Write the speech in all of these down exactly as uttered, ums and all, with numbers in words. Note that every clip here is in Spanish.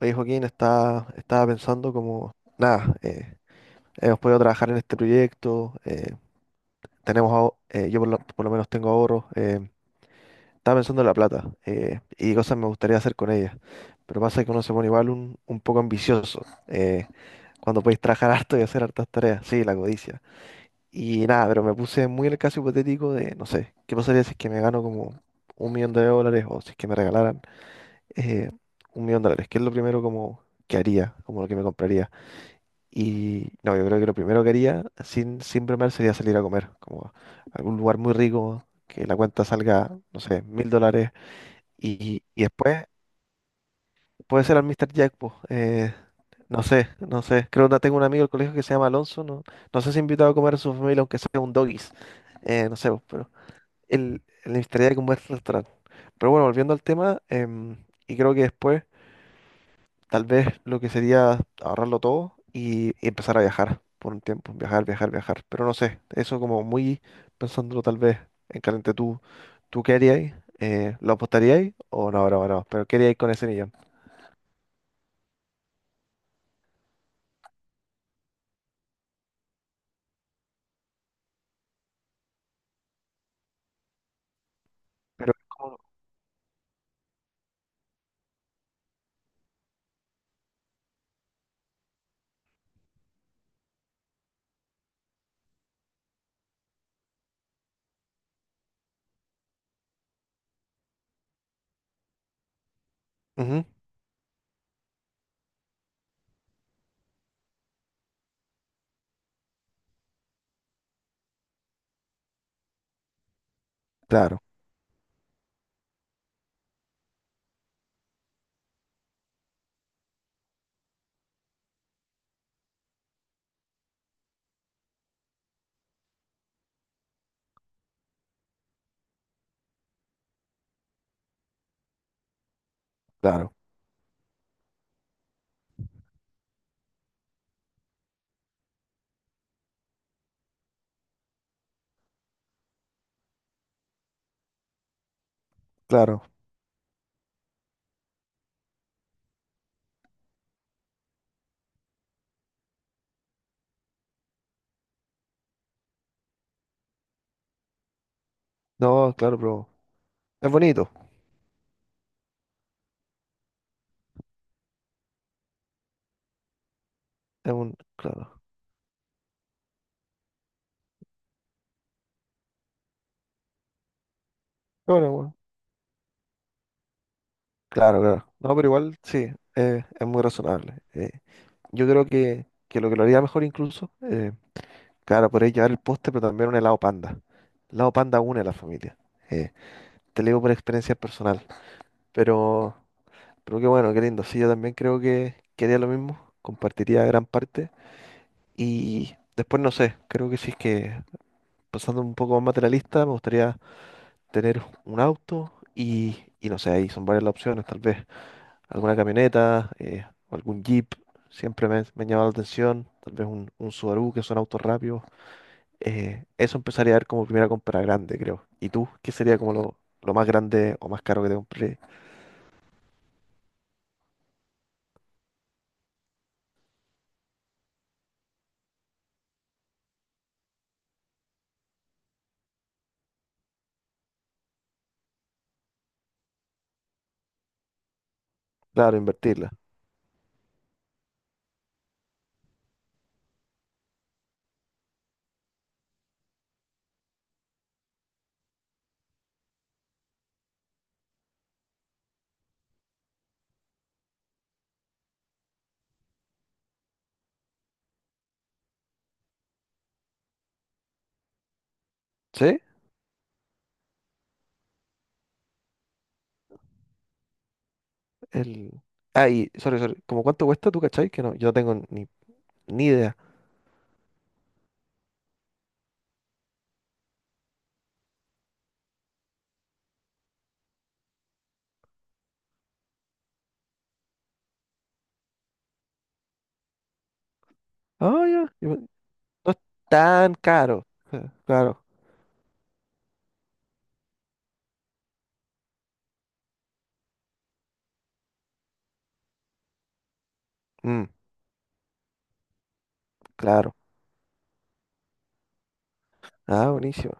Oye, Joaquín, está estaba pensando como, nada, eh, hemos podido trabajar en este proyecto, eh, tenemos, aho- eh, yo por lo, por lo menos tengo ahorros, eh, estaba pensando en la plata, eh, y cosas me gustaría hacer con ella, pero pasa que uno se pone igual un, un poco ambicioso, eh, cuando podéis trabajar harto y hacer hartas tareas. Sí, la codicia. Y nada, pero me puse muy en el caso hipotético de, no sé, ¿qué pasaría si es que me gano como un millón de dólares o si es que me regalaran, eh, un millón de dólares? ¿Qué es lo primero como que haría, como lo que me compraría? Y no, yo creo que lo primero que haría, sin, sin bromear, sería salir a comer, como a algún lugar muy rico, que la cuenta salga, no sé, mil dólares. Y, y después puede ser al mister Jack, po. Eh, no sé, no sé. Creo que tengo un amigo del colegio que se llama Alonso. No, no sé si invitado a comer a su familia, aunque sea un doggies. Eh, no sé, po, pero el, el mister Jack es un buen restaurante. Pero bueno, volviendo al tema, em, y creo que después. Tal vez lo que sería ahorrarlo todo y, y empezar a viajar por un tiempo. Viajar, viajar, viajar. Pero no sé, eso como muy pensándolo tal vez en caliente. ¿Tú, tú qué haríais? Eh, ¿lo apostaríais? O no, no, no. Pero ¿qué haríais con ese millón? Pero es como- Ujú. Claro, claro, claro. No, claro, pero es bonito. Es un... Claro. Bueno, bueno. Claro, claro. No, pero igual sí, eh, es muy razonable. Eh, yo creo que, que lo que lo haría mejor incluso... eh, Claro, podéis llevar el postre, pero también un helado panda. El helado panda une a la familia. Eh, Te lo digo por experiencia personal. Pero, pero qué bueno, qué lindo. Sí, yo también creo que, que haría lo mismo. Compartiría gran parte. Y después, no sé, creo que sí es que, pasando un poco más materialista, me gustaría tener un auto y, y no sé, ahí son varias las opciones. Tal vez alguna camioneta, eh, o algún jeep. Siempre me, me ha llamado la atención. Tal vez un, un Subaru, que son autos rápidos. Eh, eso empezaría a ver como primera compra grande, creo. ¿Y tú? ¿Qué sería como lo, lo más grande o más caro que te compré? Claro, invertirla. ¿Sí? El... Ah, y, sorry, sorry. ¿Cómo cuánto cuesta, tú, cachai? Que no, yo no tengo ni, ni idea. Ah, ya. yo- No es tan caro. Eh, Claro. Mm, claro. Ah, buenísimo.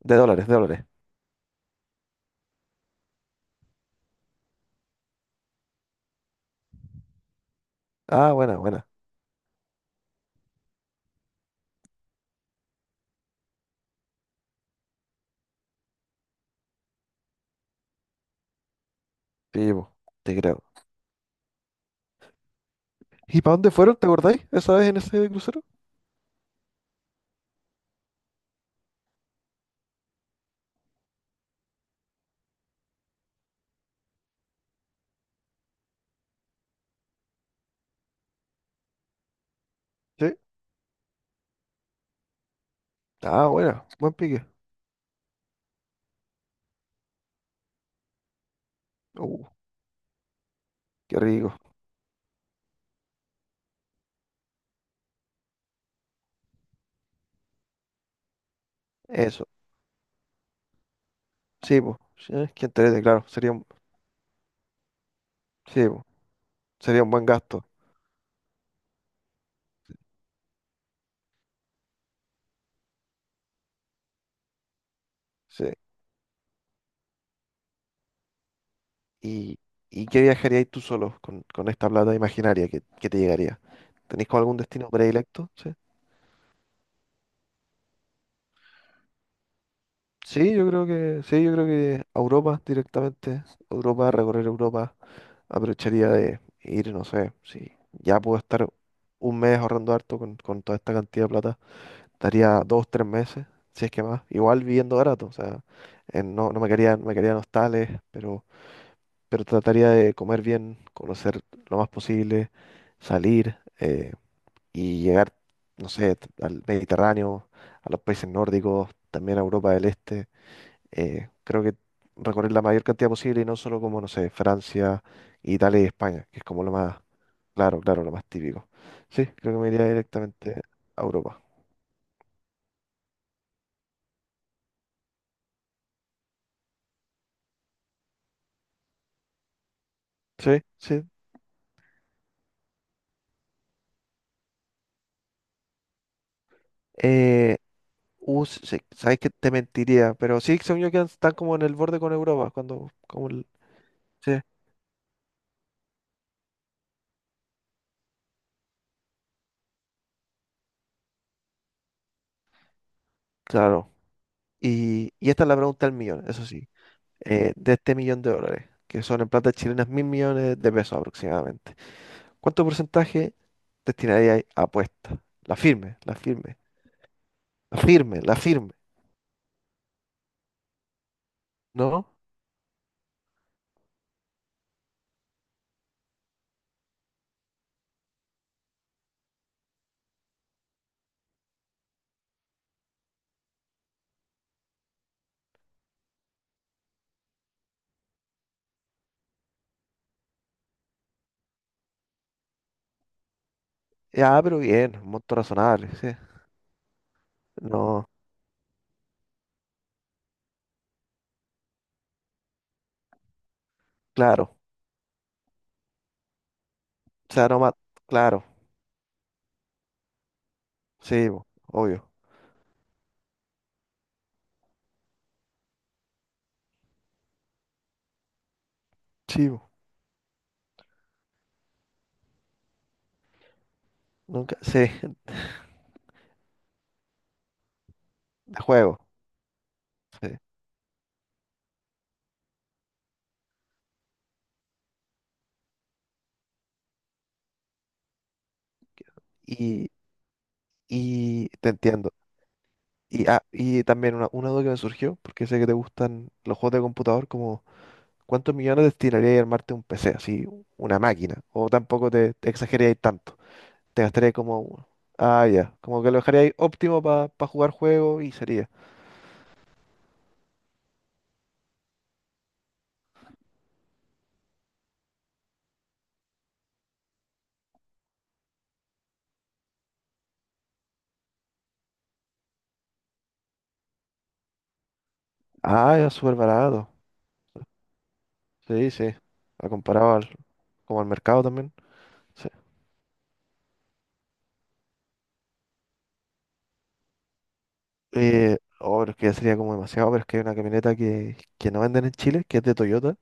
De dólares, de dólares. Ah, buena, buena. Sí, po, te creo. ¿Y para dónde fueron? ¿Te acordáis? ¿Esa vez en ese crucero? Sí. Ah, buena. Buen pique. Uh, qué rico. Eso. Sí, pues, que entrete, claro, sería un, sí, po, sería un buen gasto. Sí. ¿Y, y qué viajaríais tú solo con, con esta plata imaginaria que, que te llegaría? ¿Tenéis como algún destino predilecto? Sí. Sí, yo creo que, sí, yo creo que a Europa directamente. Europa, recorrer Europa, aprovecharía de ir, no sé, si ya puedo estar un mes ahorrando harto con, con toda esta cantidad de plata, estaría dos, tres meses, si es que más, igual viviendo barato, o sea, en- no, no me quedarían, me quedarían hostales, pero pero trataría de comer bien, conocer lo más posible, salir, eh, y llegar, no sé, t- al Mediterráneo, a los países nórdicos, también a Europa del Este. Eh, creo que recorrer la mayor cantidad posible y no solo como, no sé, Francia, Italia y España, que es como lo más, claro, claro, lo más típico. Sí, creo que me iría directamente a Europa. Sí, sí. Eh, uh, sí, sí, sabes que te mentiría, pero sí, según yo quedan, están como en el borde con Europa, cuando, como el- sí, claro. Y, y esta es la pregunta del millón, eso sí, eh, de este millón de dólares, que son en plata chilenas mil millones de pesos aproximadamente. ¿Cuánto porcentaje destinaría a apuestas? La firme, la firme, la firme, la firme, ¿no? Ya, pero bien, un monto razonable, sí. No, claro, o sea, no más, claro, sí, bo, obvio, sí, bo, nunca, sí, de juego, sí. Y, y te entiendo. Y, ah, y también una, una duda que me surgió, porque sé que te gustan los juegos de computador como ¿cuántos millones destinarías a armarte un P C, así, una máquina? O tampoco te, te exagerarías tanto. Te gastarías como, un- ah, ya, como que lo dejarías óptimo para jugar juegos y sería. Ah, ya, súper barato. Sí, sí. A comparado al, como al mercado también. Sí. Eh, oh, pero es que ya sería como demasiado, pero es que hay una camioneta que, que no venden en Chile, que es de Toyota,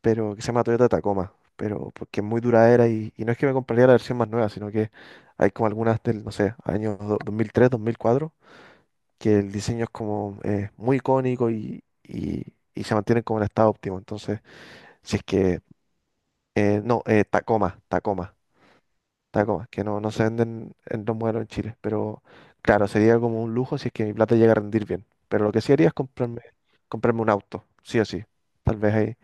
pero que se llama Toyota Tacoma. Pero porque es muy duradera y, y no es que me compraría la versión más nueva, sino que hay como algunas del, no sé, años do- dos mil tres, dos mil cuatro. Que el diseño es como, eh, muy icónico y, y- y se mantienen como en estado óptimo. Entonces, si es que, eh, no, eh, Tacoma, Tacoma, Tacoma, que no, no se venden en los modelos en Chile, pero claro, sería como un lujo si es que mi plata llega a rendir bien. Pero lo que sí haría es comprarme, comprarme un auto, sí o sí, tal vez ahí,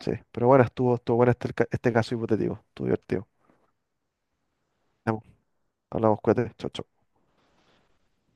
sí. Pero bueno, estuvo, estuvo bueno este, ca- este caso hipotético, estuvo divertido. Ya, pues, hablamos, cuídate, chau chau.